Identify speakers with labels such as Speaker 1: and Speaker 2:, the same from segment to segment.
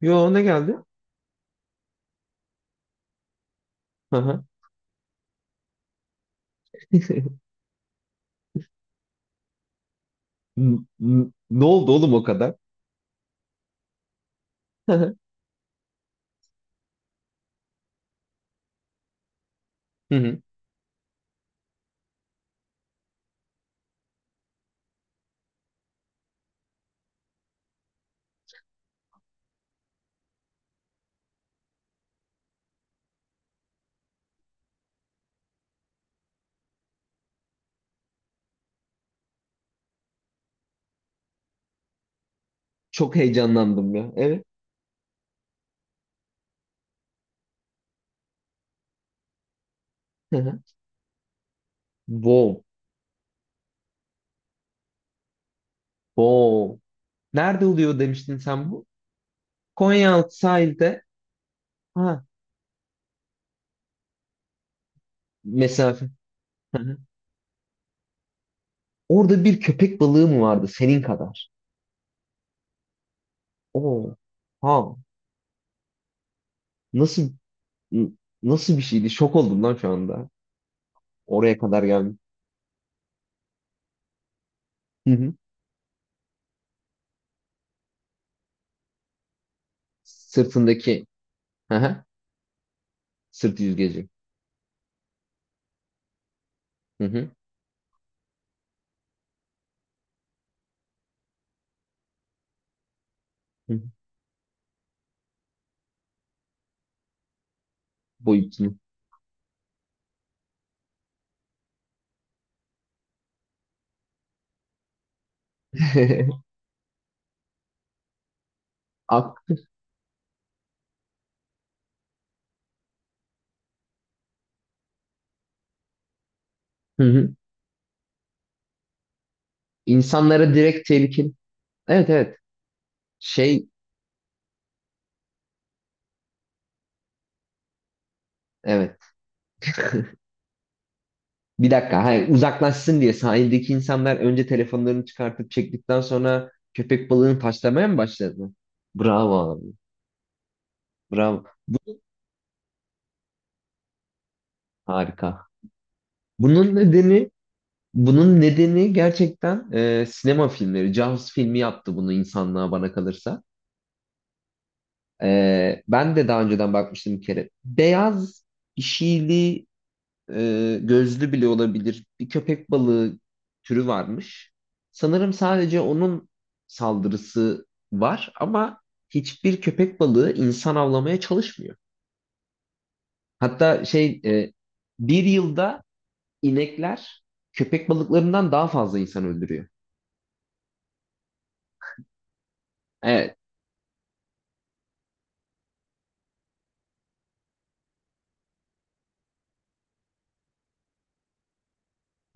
Speaker 1: Yo, ne geldi? Hı hı. Ne oldu oğlum o kadar? Hı hı. Hı hı. Çok heyecanlandım ya. Evet. Hı hı. Wow. Wow. Nerede oluyor demiştin sen bu? Konyaaltı sahilde. Ha. Mesafe. Hı hı. Orada bir köpek balığı mı vardı senin kadar? Oo. Ha. Nasıl n- nasıl bir şeydi? Şok oldum lan şu anda. Oraya kadar geldim. Hı hı. Sırtındaki. Hı hı. Sırt yüzgeci. Hı hı. Hı hı. Boyutunu. Ak. Hı hı. İnsanlara direkt tehlikeli. Evet, evet. Şey, evet. Bir dakika. Hayır, uzaklaşsın diye sahildeki insanlar önce telefonlarını çıkartıp çektikten sonra köpek balığını taşlamaya mı başladı? Bravo abi. Bravo. Bu harika. Bunun nedeni bunun nedeni gerçekten sinema filmleri. Jaws filmi yaptı bunu insanlığa bana kalırsa. Ben de daha önceden bakmıştım bir kere. Beyaz işili gözlü bile olabilir bir köpek balığı türü varmış. Sanırım sadece onun saldırısı var ama hiçbir köpek balığı insan avlamaya çalışmıyor. Hatta şey bir yılda inekler köpek balıklarından daha fazla insan öldürüyor. Evet.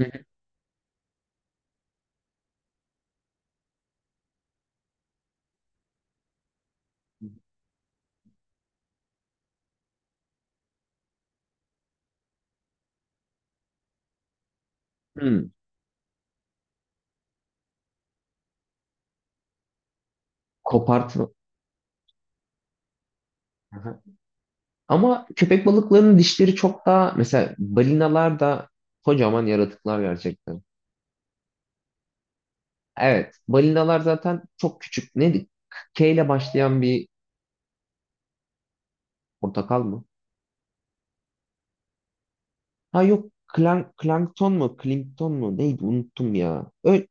Speaker 1: Hı hı. Hmm, kopartma. Aha. Ama köpek balıklarının dişleri çok daha mesela balinalar da kocaman yaratıklar gerçekten. Evet. Balinalar zaten çok küçük. Neydi? K ile başlayan bir portakal mı? Ha yok. Klank, plankton mu? Klinkton mu? Neydi? Unuttum ya. Öyle,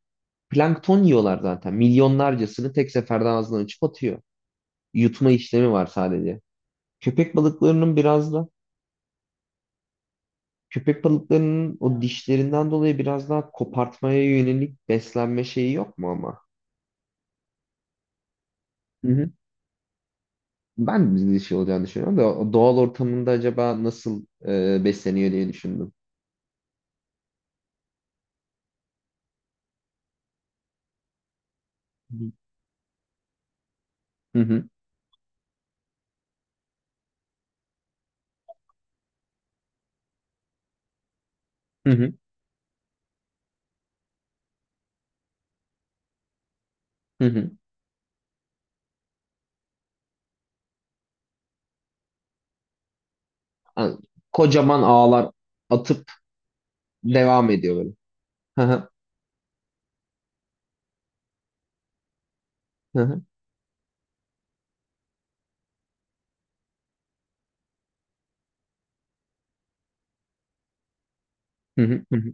Speaker 1: plankton yiyorlar zaten. Milyonlarcasını tek seferde ağzından açıp atıyor. Yutma işlemi var sadece. Köpek balıklarının biraz da köpek balıklarının o dişlerinden dolayı biraz daha kopartmaya yönelik beslenme şeyi yok mu ama? Hı hı. Ben de bir şey olacağını düşünüyorum da o doğal ortamında acaba nasıl besleniyor diye düşündüm. Hı hı. Hı hı. Hı hı. Yani kocaman ağlar atıp devam ediyor böyle. Hı hı. Hı hı. Hı hı. Hı hı.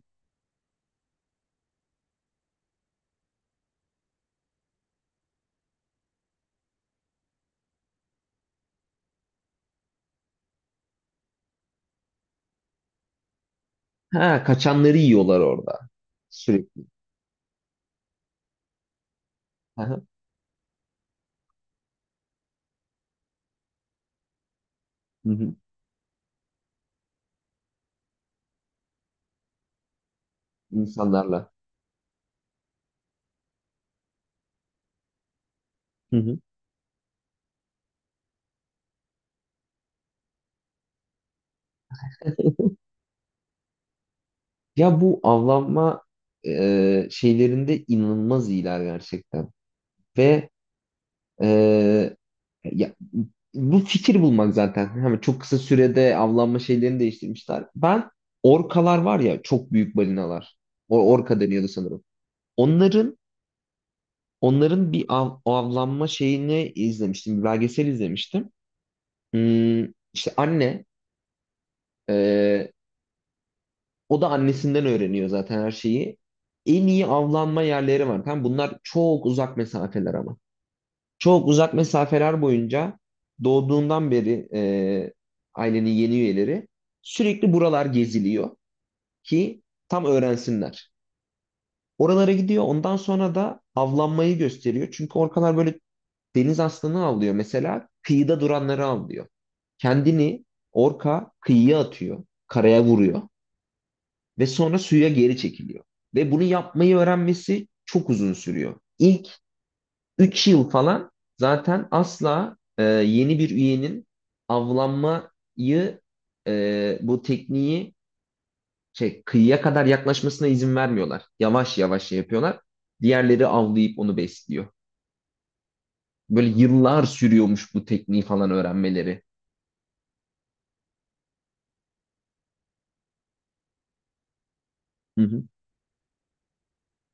Speaker 1: Ha, kaçanları yiyorlar orada sürekli. Hı hı. Hı hı. İnsanlarla. Hı hı. Ya, bu avlanma şeylerinde inanılmaz iyiler gerçekten. Ve e, ya, bu fikir bulmak zaten. Hemen çok kısa sürede avlanma şeylerini değiştirmişler. Ben orkalar var ya, çok büyük balinalar. O orka deniyordu sanırım. Onların Onların bir avlanma şeyini izlemiştim. Bir belgesel izlemiştim. Hmm, işte anne e, o da annesinden öğreniyor zaten her şeyi. En iyi avlanma yerleri var. Tamam, bunlar çok uzak mesafeler ama. Çok uzak mesafeler boyunca doğduğundan beri ailenin yeni üyeleri sürekli buralar geziliyor ki tam öğrensinler. Oralara gidiyor. Ondan sonra da avlanmayı gösteriyor. Çünkü orkalar böyle deniz aslanı avlıyor, mesela kıyıda duranları avlıyor. Kendini orka kıyıya atıyor, karaya vuruyor ve sonra suya geri çekiliyor. Ve bunu yapmayı öğrenmesi çok uzun sürüyor. İlk 3 yıl falan zaten asla yeni bir üyenin avlanmayı bu tekniği şey, kıyıya kadar yaklaşmasına izin vermiyorlar. Yavaş yavaş şey yapıyorlar. Diğerleri avlayıp onu besliyor. Böyle yıllar sürüyormuş bu tekniği falan öğrenmeleri. Hı hı.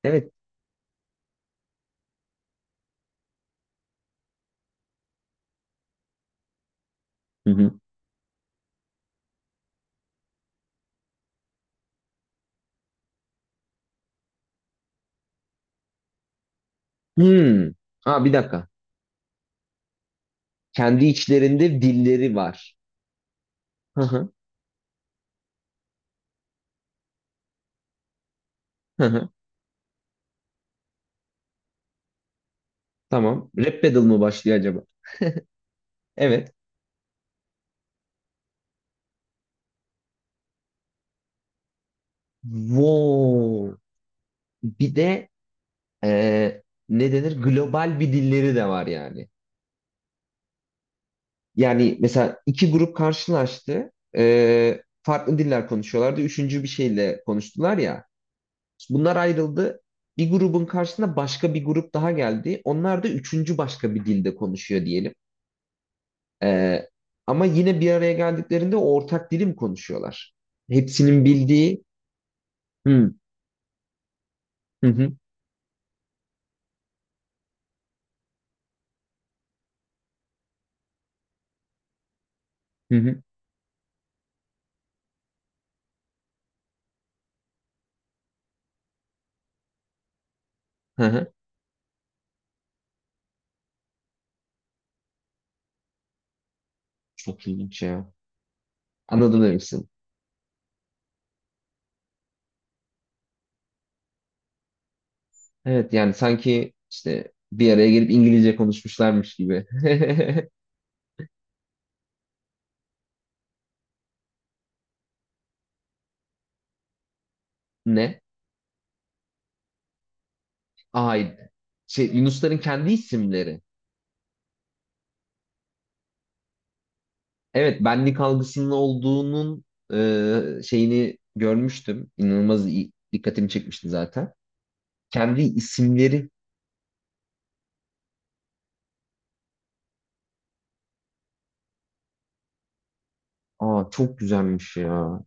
Speaker 1: Evet. Hı hı. Hmm. Ha, bir dakika. Kendi içlerinde dilleri var. Hı hı. Hı hı. Tamam. Rap battle mı başlıyor acaba? Evet. Wow. Bir de eee, ne denir? Global bir dilleri de var yani. Yani mesela iki grup karşılaştı. Farklı diller konuşuyorlardı. Üçüncü bir şeyle konuştular ya. Bunlar ayrıldı. Bir grubun karşısına başka bir grup daha geldi. Onlar da üçüncü başka bir dilde konuşuyor diyelim. Ee, Ama yine bir araya geldiklerinde ortak dilim konuşuyorlar. Hepsinin bildiği hı hı hı hı hı hı hı." Çok ilginç ya. Anladım demişsin. Evet, yani sanki işte bir araya gelip İngilizce konuşmuşlarmış gibi. Ne? Ay şey, Yunusların kendi isimleri. Evet, benlik algısının olduğunun şeyini görmüştüm. İnanılmaz iyi- dikkatimi çekmişti zaten. Kendi isimleri. Aa çok güzelmiş ya.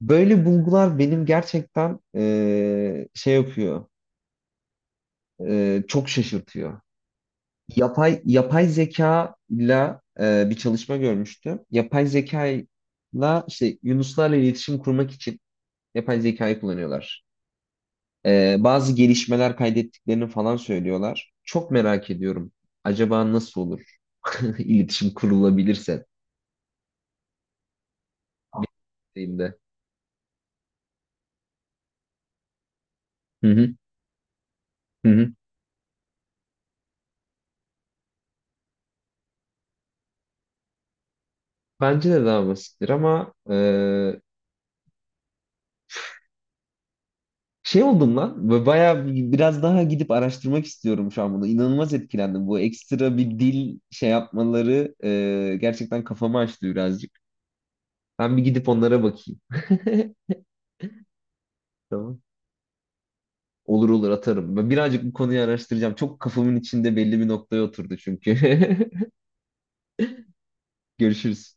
Speaker 1: Böyle bulgular benim gerçekten şey yapıyor, çok şaşırtıyor. Yapay zeka ile bir çalışma görmüştüm. Yapay zekayla işte yunuslarla iletişim kurmak için yapay zekayı kullanıyorlar. Bazı gelişmeler kaydettiklerini falan söylüyorlar. Çok merak ediyorum. Acaba nasıl olur? İletişim kurulabilirse dediğimde. Hı hı, hı hı. Bence de daha basittir ama şey oldum lan. Ve bayağı biraz daha gidip araştırmak istiyorum şu an bunu. İnanılmaz etkilendim. Bu ekstra bir dil şey yapmaları gerçekten kafamı açtı birazcık. Ben bir gidip onlara bakayım. Tamam. Olur olur, atarım. Ben birazcık bu konuyu araştıracağım. Çok kafamın içinde belli bir noktaya oturdu çünkü. Görüşürüz.